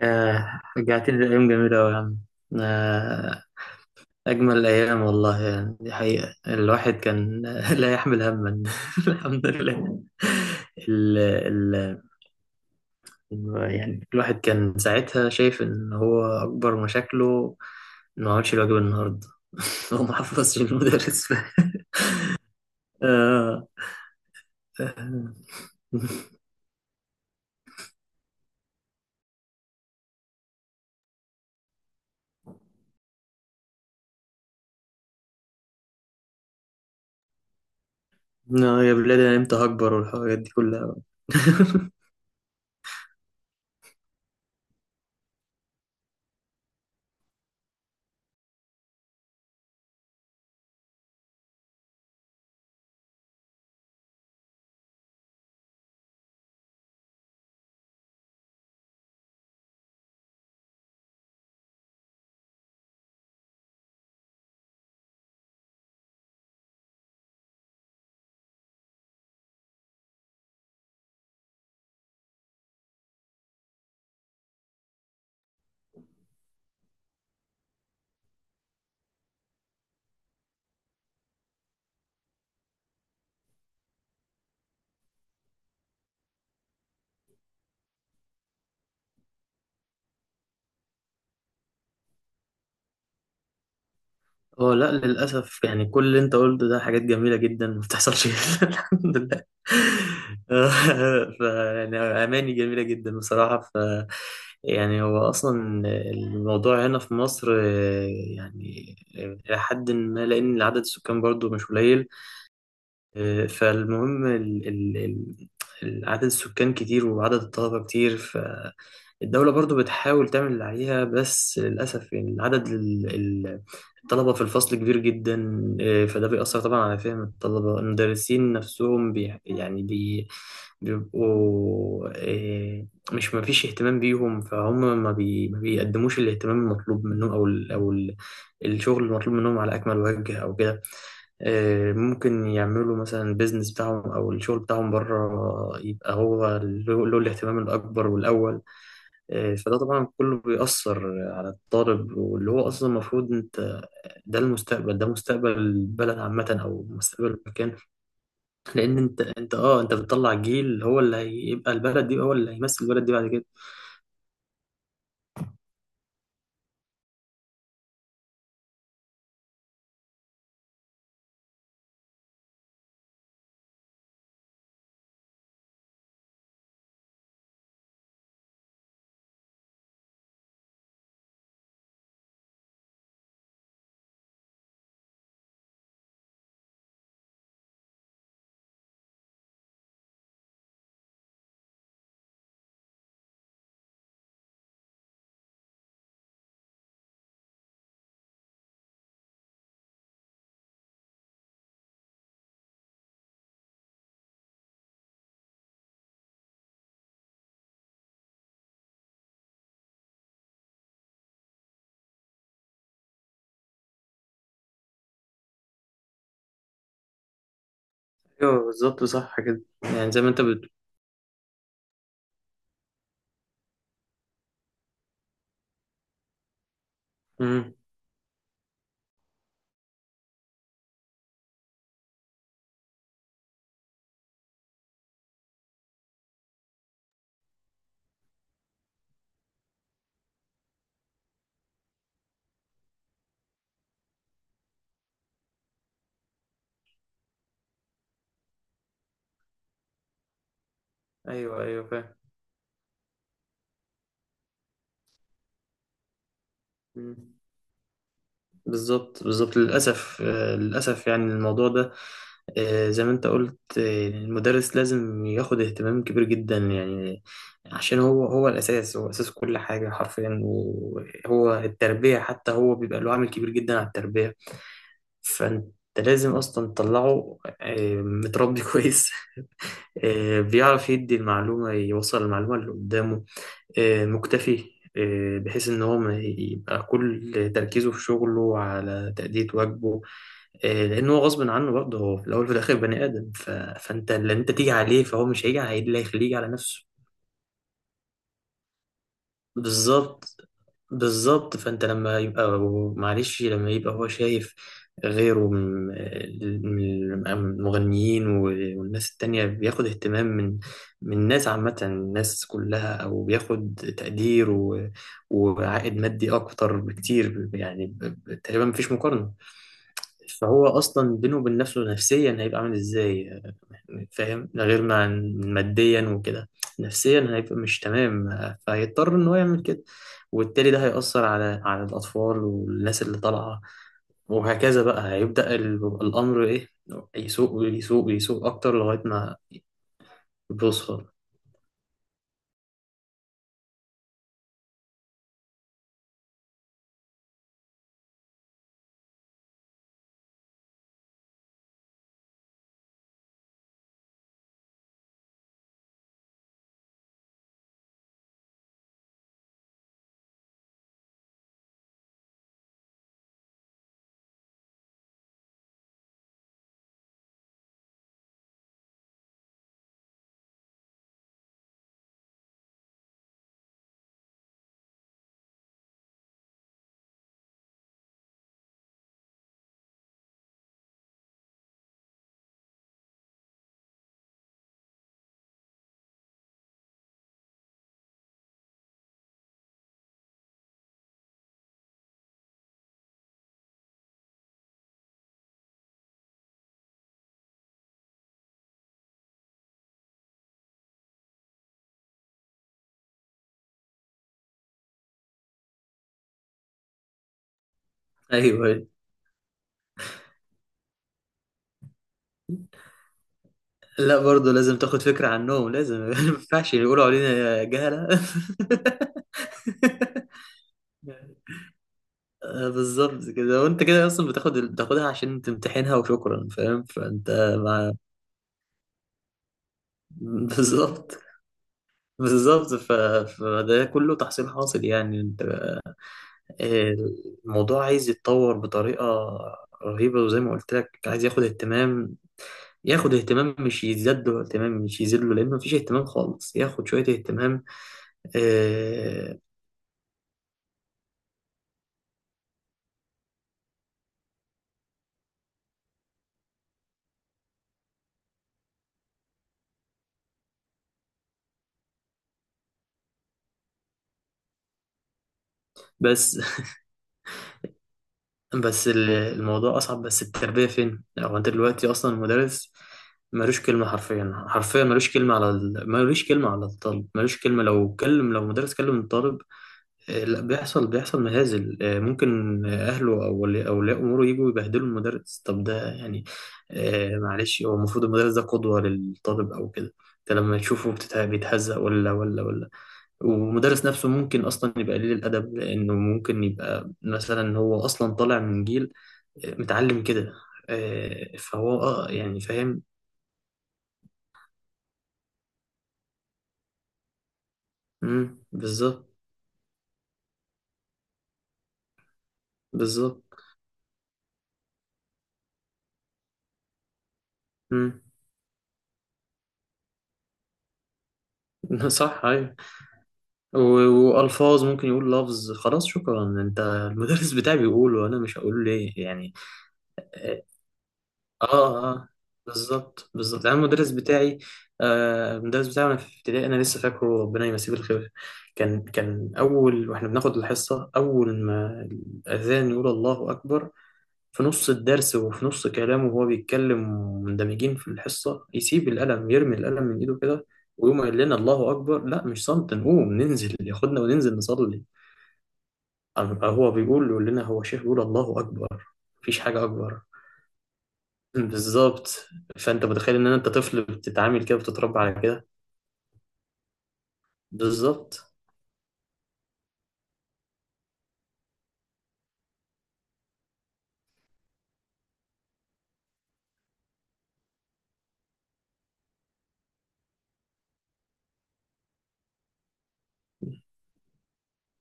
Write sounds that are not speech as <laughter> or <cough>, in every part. آه، رجعتني لأيام جميلة أوي يا عم. آه، أجمل أيام والله، يعني دي حقيقة. الواحد كان <laughs> لا يحمل هما. <laughs> الحمد لله. ال ال يعني الواحد كان ساعتها شايف إن هو أكبر مشاكله إنه ما عملش الواجب النهاردة. <laughs> هو ما حفظش المدرس. <laughs> آه، آه، يا بلاد، أنا إمتى هكبر والحاجات دي كلها؟ <laughs> اه، لا، للأسف يعني كل اللي انت قلته ده حاجات جميلة جدا ما بتحصلش. <laughs> الحمد لله. <laughs> ف يعني أماني جميلة جدا بصراحة. يعني هو أصلا الموضوع هنا في مصر، يعني إلى حد ما، لأن عدد السكان برضو مش قليل. فالمهم عدد السكان كتير وعدد الطلبة كتير. الدولة برضو بتحاول تعمل اللي عليها، بس للأسف يعني عدد الطلبة في الفصل كبير جدا. فده بيأثر طبعا على فهم الطلبة. المدرسين نفسهم بي يعني بي بيبقوا مش ما فيش اهتمام بيهم، فهم ما بيقدموش الاهتمام المطلوب منهم، أو ال أو ال الشغل المطلوب منهم على أكمل وجه أو كده. ممكن يعملوا مثلا البيزنس بتاعهم أو الشغل بتاعهم بره، يبقى هو له الاهتمام الأكبر والأول، إيه. فده طبعا كله بيأثر على الطالب، واللي هو أصلا المفروض أنت، ده المستقبل، ده مستقبل البلد عامة أو مستقبل المكان. لأن أنت بتطلع جيل، هو اللي هيبقى البلد دي، هو اللي هيمثل البلد دي بعد كده. أيوه، بالظبط صح كده، يعني زي ما أنت مم. أيوه، أيوه، فاهم. مم. بالظبط، بالظبط، للأسف، للأسف يعني الموضوع ده، زي ما انت قلت، المدرس لازم ياخد اهتمام كبير جدا يعني. عشان هو الأساس، هو أساس كل حاجة حرفيا، وهو التربية حتى، هو بيبقى له عامل كبير جدا على التربية. فانت لازم أصلا تطلعه متربي <laughs> كويس، بيعرف يدي المعلومة، يوصل المعلومة اللي قدامه، مكتفي، بحيث إن هو ما يبقى كل تركيزه في شغله على تأدية واجبه. لان هو غصب عنه برضه، هو في الاول وفي الاخر بني ادم. فانت اللي انت تيجي عليه، فهو مش هيجي على اللي هيخليه يجي على نفسه. بالظبط، بالظبط، فانت لما يبقى، معلش، لما يبقى هو شايف غيره من المغنيين والناس التانية بياخد اهتمام من الناس، عامة الناس كلها، أو بياخد تقدير وعائد مادي أكتر بكتير، يعني تقريبا مفيش مقارنة. فهو أصلا بينه وبين نفسه نفسيا هيبقى عامل إزاي؟ فاهم، ده غير ما ماديا وكده، نفسيا هيبقى مش تمام، فهيضطر ان هو يعمل كده. وبالتالي ده هيأثر على الأطفال والناس اللي طالعة، وهكذا بقى. هيبدأ الأمر إيه، يسوق ويسوق ويسوق أكتر لغاية ما بيوصل. أيوه، لا، برضه لازم تاخد فكرة عنهم، لازم <laughs> ما ينفعش يقولوا علينا جهلة. <laughs> آه، بالظبط كده، وأنت كده أصلا بتاخدها عشان تمتحنها وشكرا، فاهم. فأنت ما <laughs> بالظبط. بالظبط فده كله تحصيل حاصل، يعني انت، آه، الموضوع عايز يتطور بطريقة رهيبة، وزي ما قلت لك عايز ياخد اهتمام، ياخد اهتمام، مش يزداد له اهتمام، مش يزيد له، لأن مفيش اهتمام خالص، ياخد شوية اهتمام. آه، بس <laughs> بس الموضوع أصعب، بس التربية فين؟ هو أنت دلوقتي أصلا المدرس ملوش كلمة، حرفيا حرفيا ملوش كلمة على ملوش كلمة على الطالب، ملوش كلمة، لو كلم، لو مدرس كلم الطالب. لا، بيحصل مهازل. ممكن أهله، أو أولياء أموره يجوا يبهدلوا المدرس. طب ده يعني، معلش، هو المفروض المدرس ده قدوة للطالب أو كده. أنت لما تشوفه بيتهزق ولا ولا ولا، والمدرس نفسه ممكن أصلا يبقى قليل الأدب، لأنه ممكن يبقى مثلا هو أصلا طالع من جيل متعلم كده. فهو يعني فاهم. مم، بالظبط بالظبط. مم. <laughs> صح، أيوه. والفاظ، ممكن يقول لفظ، خلاص شكرا، انت المدرس بتاعي بيقول، وانا مش هقول ليه يعني. اه، اه، بالظبط بالظبط، يعني المدرس بتاعي، المدرس بتاعي وانا في ابتدائي انا لسه فاكره، ربنا يمسيه بالخير. كان اول، واحنا بناخد الحصه، اول ما الاذان يقول الله اكبر في نص الدرس وفي نص كلامه وهو بيتكلم مندمجين في الحصه، يسيب القلم، يرمي القلم من ايده كده، ويقوم قال لنا الله اكبر. لا مش صمت، نقوم ننزل، ياخدنا وننزل نصلي. هو بيقول لنا، هو شيخ، بيقول الله أكبر، مفيش حاجة أكبر. <laughs> بالظبط. فأنت متخيل إن أنت طفل بتتعامل كده، بتتربى على كده. بالظبط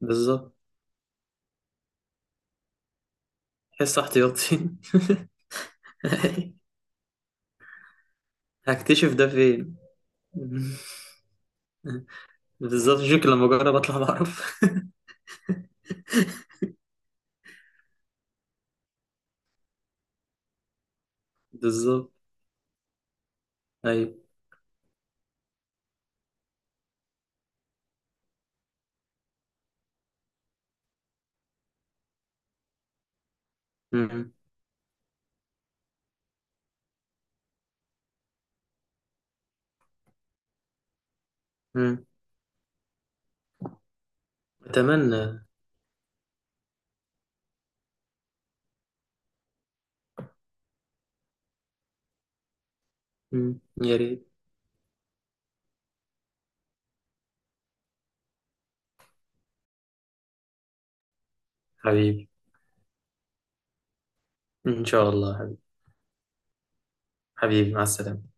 بالظبط. حس احتياطي. <laughs> هكتشف ده فين. <laughs> بالظبط. شكل لما أجرب أطلع بعرف. <laughs> بالظبط. أيوة. م- م. أتمنى. م. يا ريت. حبيبي. إن شاء الله حبيبي. حبيبي، مع السلامة.